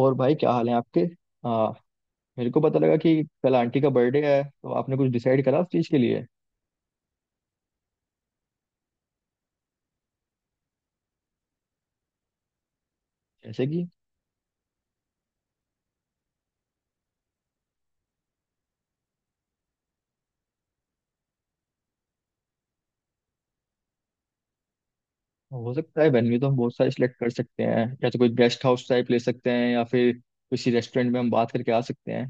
और भाई क्या हाल है आपके। हाँ। मेरे को पता लगा कि कल आंटी का बर्थडे है, तो आपने कुछ डिसाइड करा उस चीज़ के लिए? जैसे कि? हो सकता है वेन्यू तो हम बहुत सारे सिलेक्ट कर सकते हैं। या तो कोई गेस्ट हाउस टाइप ले सकते हैं या फिर किसी रेस्टोरेंट में हम बात करके आ सकते हैं।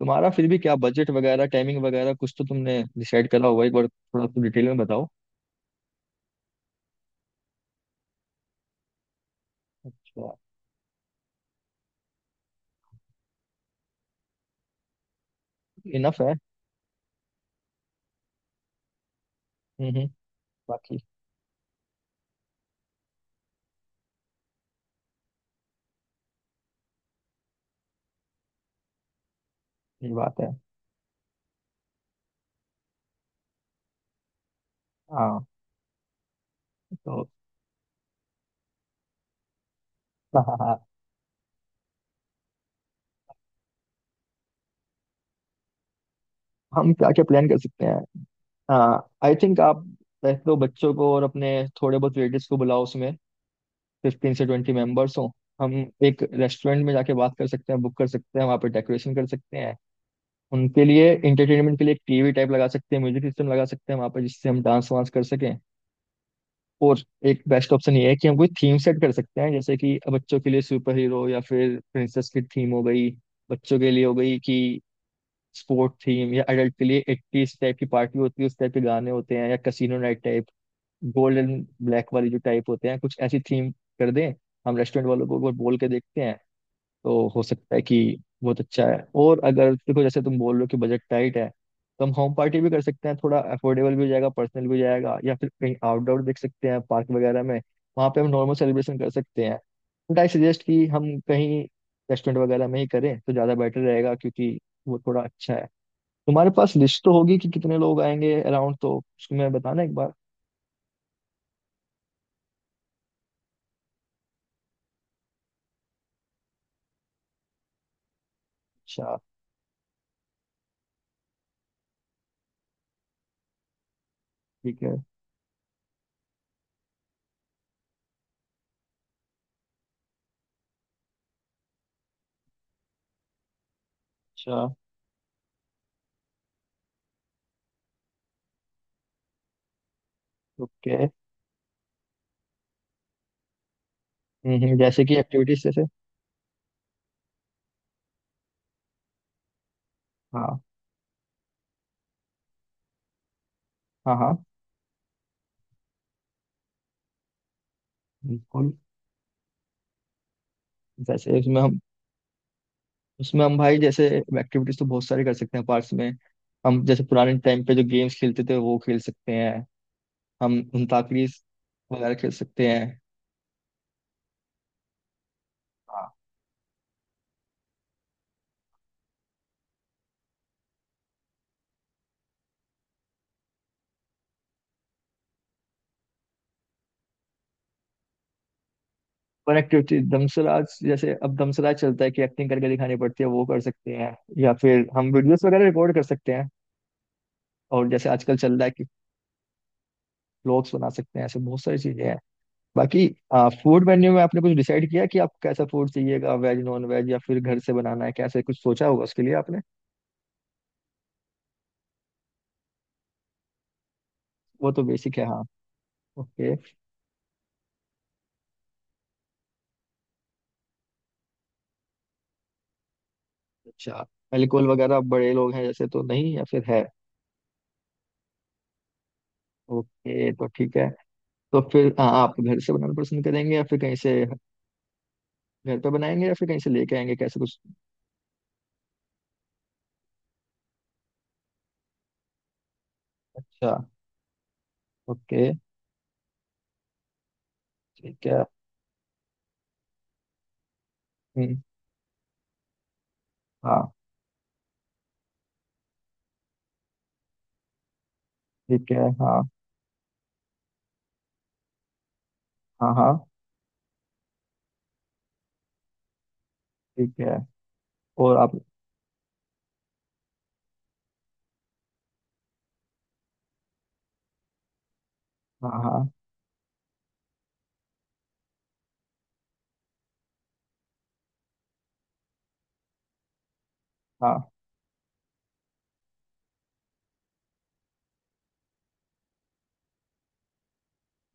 तुम्हारा फिर भी क्या बजट वगैरह, टाइमिंग वगैरह कुछ तो तुमने डिसाइड करा होगा। एक बार थोड़ा तुम डिटेल में बताओ। अच्छा। इनफ है। हम्म। बाकी। ये बात है। हाँ। तो हम क्या क्या प्लान कर सकते हैं? हाँ, आई थिंक आप वैसे तो बच्चों को और अपने थोड़े बहुत रिलेटिव्स को बुलाओ, उसमें 15 से 20 मेंबर्स हों। हम एक रेस्टोरेंट में जाके बात कर सकते हैं, बुक कर सकते हैं, वहाँ पे डेकोरेशन कर सकते हैं। उनके लिए एंटरटेनमेंट के लिए एक टीवी टाइप लगा सकते हैं, म्यूजिक सिस्टम लगा सकते हैं वहाँ पे, जिससे हम डांस वांस कर सकें। और एक बेस्ट ऑप्शन ये है कि हम कोई थीम सेट कर सकते हैं, जैसे कि बच्चों के लिए सुपर हीरो या फिर प्रिंसेस की थीम हो गई। बच्चों के लिए हो गई कि स्पोर्ट थीम, या एडल्ट के लिए एट्टीज टाइप की पार्टी होती है, उस टाइप के गाने होते हैं, या casino night type. Gold and black वाली जो टाइप होते हैं, कुछ ऐसी थीम कर दें। हम रेस्टोरेंट वालों को एक बार बोल के देखते हैं, तो हो सकता है कि बहुत अच्छा है। और अगर देखो जैसे तुम बोल रहे हो कि बजट टाइट है, तो हम होम पार्टी भी कर सकते हैं, थोड़ा अफोर्डेबल भी हो जाएगा, पर्सनल भी हो जाएगा, या फिर कहीं आउटडोर देख सकते हैं पार्क वगैरह में। वहाँ पे हम नॉर्मल सेलिब्रेशन कर सकते हैं। बट आई सजेस्ट कि हम कहीं रेस्टोरेंट वगैरह में ही करें तो ज़्यादा बेटर रहेगा, क्योंकि वो थोड़ा अच्छा है। तुम्हारे पास लिस्ट तो होगी कि कितने लोग आएंगे अराउंड, तो उसको मैं बताना एक बार। अच्छा। ठीक है। अच्छा। ओके। जैसे कि एक्टिविटीज जैसे? हाँ हाँ हाँ। बिल्कुल। जैसे उसमें हम भाई जैसे एक्टिविटीज तो बहुत सारी कर सकते हैं पार्क्स में। हम जैसे पुराने टाइम पे जो गेम्स खेलते थे वो खेल सकते हैं। हम अंताक्षरी वगैरह खेल सकते हैं। हाँ, पर एक्टिविटी दमसराज जैसे, अब दमसराज चलता है कि एक्टिंग करके दिखानी पड़ती है, वो कर सकते हैं। या फिर हम वीडियोस वगैरह रिकॉर्ड कर सकते हैं। और जैसे आजकल चल रहा है कि ब्लॉग्स बना सकते हैं, ऐसे बहुत सारी चीजें हैं। बाकी, फूड मेन्यू में आपने कुछ डिसाइड किया कि आपको कैसा फूड चाहिएगा, वेज नॉन वेज या फिर घर से बनाना है, कैसे? कुछ सोचा होगा उसके लिए आपने। वो तो बेसिक है, हाँ। ओके। अच्छा। अल्कोहल वगैरह बड़े लोग हैं जैसे, तो नहीं या फिर है? ओके, तो ठीक है। तो फिर हाँ, आप घर से बनाना पसंद करेंगे या फिर कहीं से? घर पे बनाएंगे या फिर कहीं से लेके आएंगे, कैसे कुछ? अच्छा। ओके। ठीक है। हम्म, हाँ। ठीक है। हाँ हाँ हाँ। ठीक है। और आप? हाँ हाँ हाँ।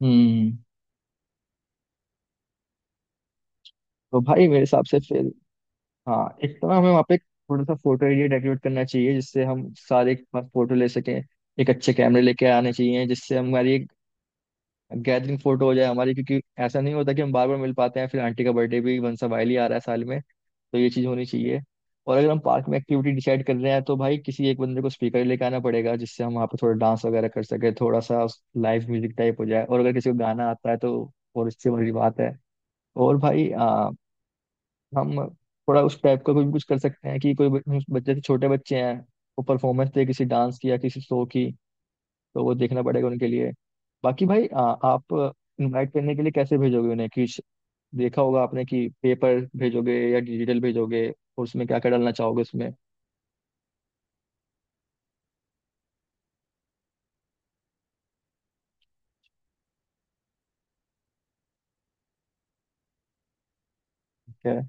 हम्म। तो भाई मेरे हिसाब से फिर, हाँ, एक तो ना हमें वहाँ पे थोड़ा सा फोटो एरिया डेकोरेट करना चाहिए, जिससे हम सारे एक साथ फोटो ले सकें। एक अच्छे कैमरे लेके आने चाहिए जिससे हमारी एक गैदरिंग फोटो हो जाए हमारी, क्योंकि ऐसा नहीं होता कि हम बार बार मिल पाते हैं। फिर आंटी का बर्थडे भी वंसा वाइली आ रहा है साल में, तो ये चीज़ होनी चाहिए। और अगर हम पार्क में एक्टिविटी डिसाइड कर रहे हैं, तो भाई किसी एक बंदे को स्पीकर लेके आना पड़ेगा, जिससे हम वहाँ पे थोड़ा डांस वगैरह कर सके, थोड़ा सा लाइव म्यूजिक टाइप हो जाए, और अगर किसी को गाना आता है तो। और इससे बड़ी बात है। और भाई हम थोड़ा उस टाइप का कुछ कुछ कर सकते हैं कि कोई हम बच्चे से छोटे बच्चे हैं, वो परफॉर्मेंस दे किसी डांस की या किसी शो की, तो वो देखना पड़ेगा उनके लिए। बाकी भाई आप इनवाइट करने के लिए कैसे भेजोगे उन्हें कि देखा होगा आपने कि पेपर भेजोगे या डिजिटल भेजोगे, और उसमें क्या क्या डालना चाहोगे उसमें? क्या?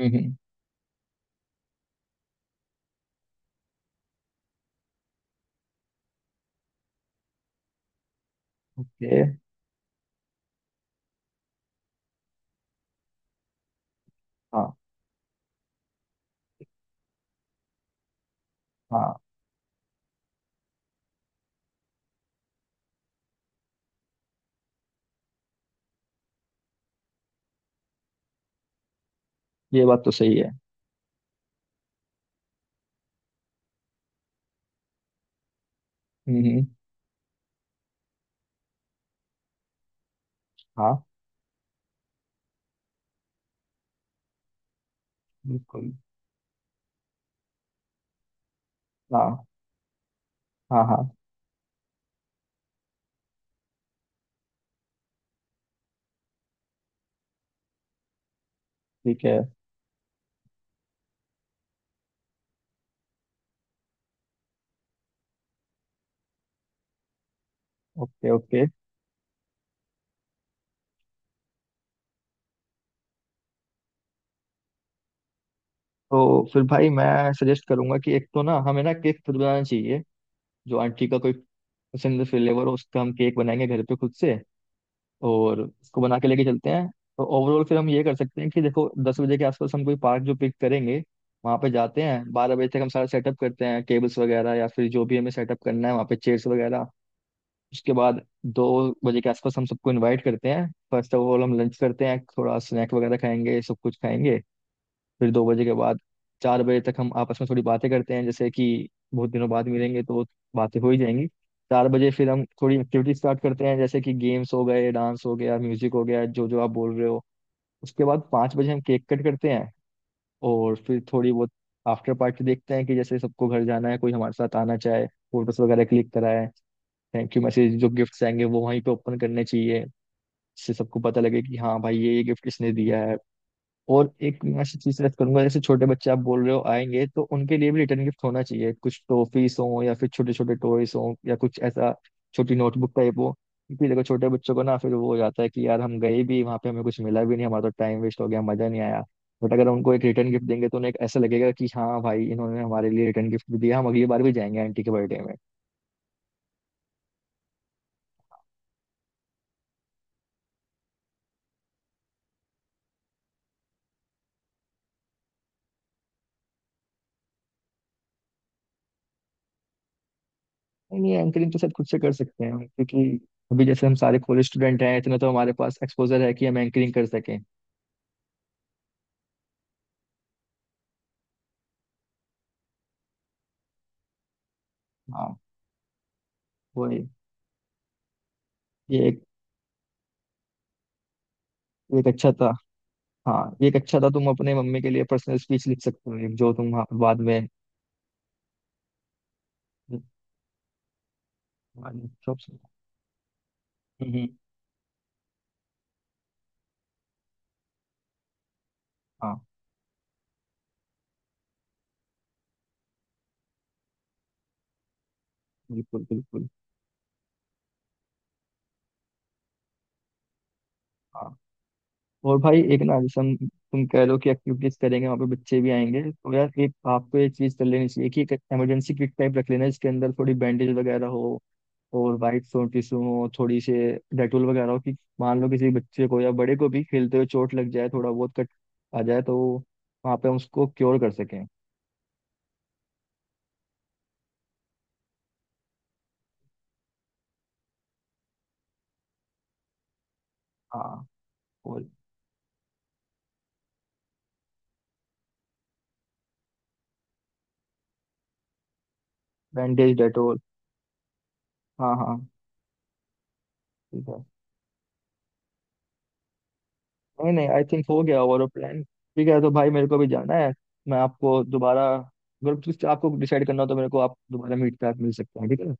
हम्म हम्म, ये? हाँ हाँ। ये बात तो सही है। हम्म हम्म, हाँ। बिल्कुल। हाँ हाँ हाँ। ठीक है। Okay okay. तो फिर भाई मैं सजेस्ट करूंगा कि एक तो ना हमें ना केक खुद बनाना चाहिए। जो आंटी का कोई पसंद फ्लेवर हो, उसका हम केक बनाएंगे घर पे खुद से, और उसको बना के लेके चलते हैं। तो ओवरऑल फिर हम ये कर सकते हैं कि देखो, 10 बजे के आसपास हम कोई पार्क जो पिक करेंगे, वहाँ पे जाते हैं, 12 बजे तक हम सारा सेटअप करते हैं, टेबल्स वगैरह या फिर जो भी हमें सेटअप करना है वहाँ पे, चेयर्स वगैरह। उसके बाद 2 बजे के आसपास हम सबको इनवाइट करते हैं, फर्स्ट ऑफ ऑल हम लंच करते हैं, थोड़ा स्नैक वगैरह खाएंगे, सब कुछ खाएंगे। फिर 2 बजे के बाद 4 बजे तक हम आपस में थोड़ी बातें करते हैं, जैसे कि बहुत दिनों बाद मिलेंगे तो बातें हो ही जाएंगी। 4 बजे फिर हम थोड़ी एक्टिविटी स्टार्ट करते हैं, जैसे कि गेम्स हो गए, डांस हो गया, म्यूजिक हो गया, जो जो आप बोल रहे हो। उसके बाद 5 बजे हम केक कट करते हैं। और फिर थोड़ी बहुत आफ्टर पार्टी देखते हैं कि जैसे सबको घर जाना है, कोई हमारे साथ आना चाहे। फोटोज वगैरह क्लिक कराए। Thank you message. जो गिफ्ट्स आएंगे वो वहीं पे ओपन करने चाहिए, जिससे सबको पता लगे कि हाँ भाई ये गिफ्ट किसने दिया है। और एक मैं ऐसी चीज सजेस्ट करूंगा, जैसे छोटे बच्चे आप बोल रहे हो आएंगे, तो उनके लिए भी रिटर्न गिफ्ट होना चाहिए, कुछ टॉफीस हो या फिर छोटे छोटे टॉयस हो, या कुछ ऐसा छोटी नोटबुक टाइप हो। क्योंकि देखो छोटे बच्चों को ना फिर वो हो जाता है कि यार हम गए भी वहाँ पे, हमें कुछ मिला भी नहीं, हमारा तो टाइम वेस्ट हो गया, मजा नहीं आया। बट अगर उनको एक रिटर्न गिफ्ट देंगे तो उन्हें एक ऐसा लगेगा कि हाँ भाई इन्होंने हमारे लिए रिटर्न गिफ्ट भी दिया, हम अगली बार भी जाएंगे आंटी के बर्थडे में। नहीं, ये एंकरिंग तो शायद खुद से कर सकते हैं, क्योंकि अभी जैसे हम सारे कॉलेज स्टूडेंट हैं, इतना तो हमारे पास एक्सपोजर है कि हम एंकरिंग कर सकें। हाँ। वही। ये एक ये एक अच्छा था। हाँ, ये एक अच्छा था, तुम अपने मम्मी के लिए पर्सनल स्पीच लिख सकते हो एक, जो तुम हाँ, बाद में। बाद में हम्म, हाँ। बिल्कुल बिल्कुल। हाँ। और भाई एक ना, जैसे हम, तुम कह लो कि एक्टिविटीज करेंगे वहाँ पे बच्चे भी आएंगे, तो यार एक आपको एक चीज कर लेनी चाहिए कि एक इमरजेंसी किट टाइप रख लेना, जिसके अंदर थोड़ी बैंडेज वगैरह हो, और वाइट सोन टिश्यू हो थोड़ी से, डेटोल वगैरह हो, कि मान लो किसी बच्चे को या बड़े को भी खेलते हुए चोट लग जाए, थोड़ा बहुत कट आ जाए तो वहाँ पे हम उसको क्योर कर सकें। हाँ। और बैंडेज डेटोल। हाँ हाँ ठीक है। नहीं नहीं, आई थिंक हो गया, ओवरऑल प्लान ठीक है, तो भाई मेरे को भी जाना है। मैं आपको दोबारा, अगर कुछ आपको डिसाइड करना हो तो मेरे को आप दोबारा मीट पे आप मिल सकते हैं, ठीक है।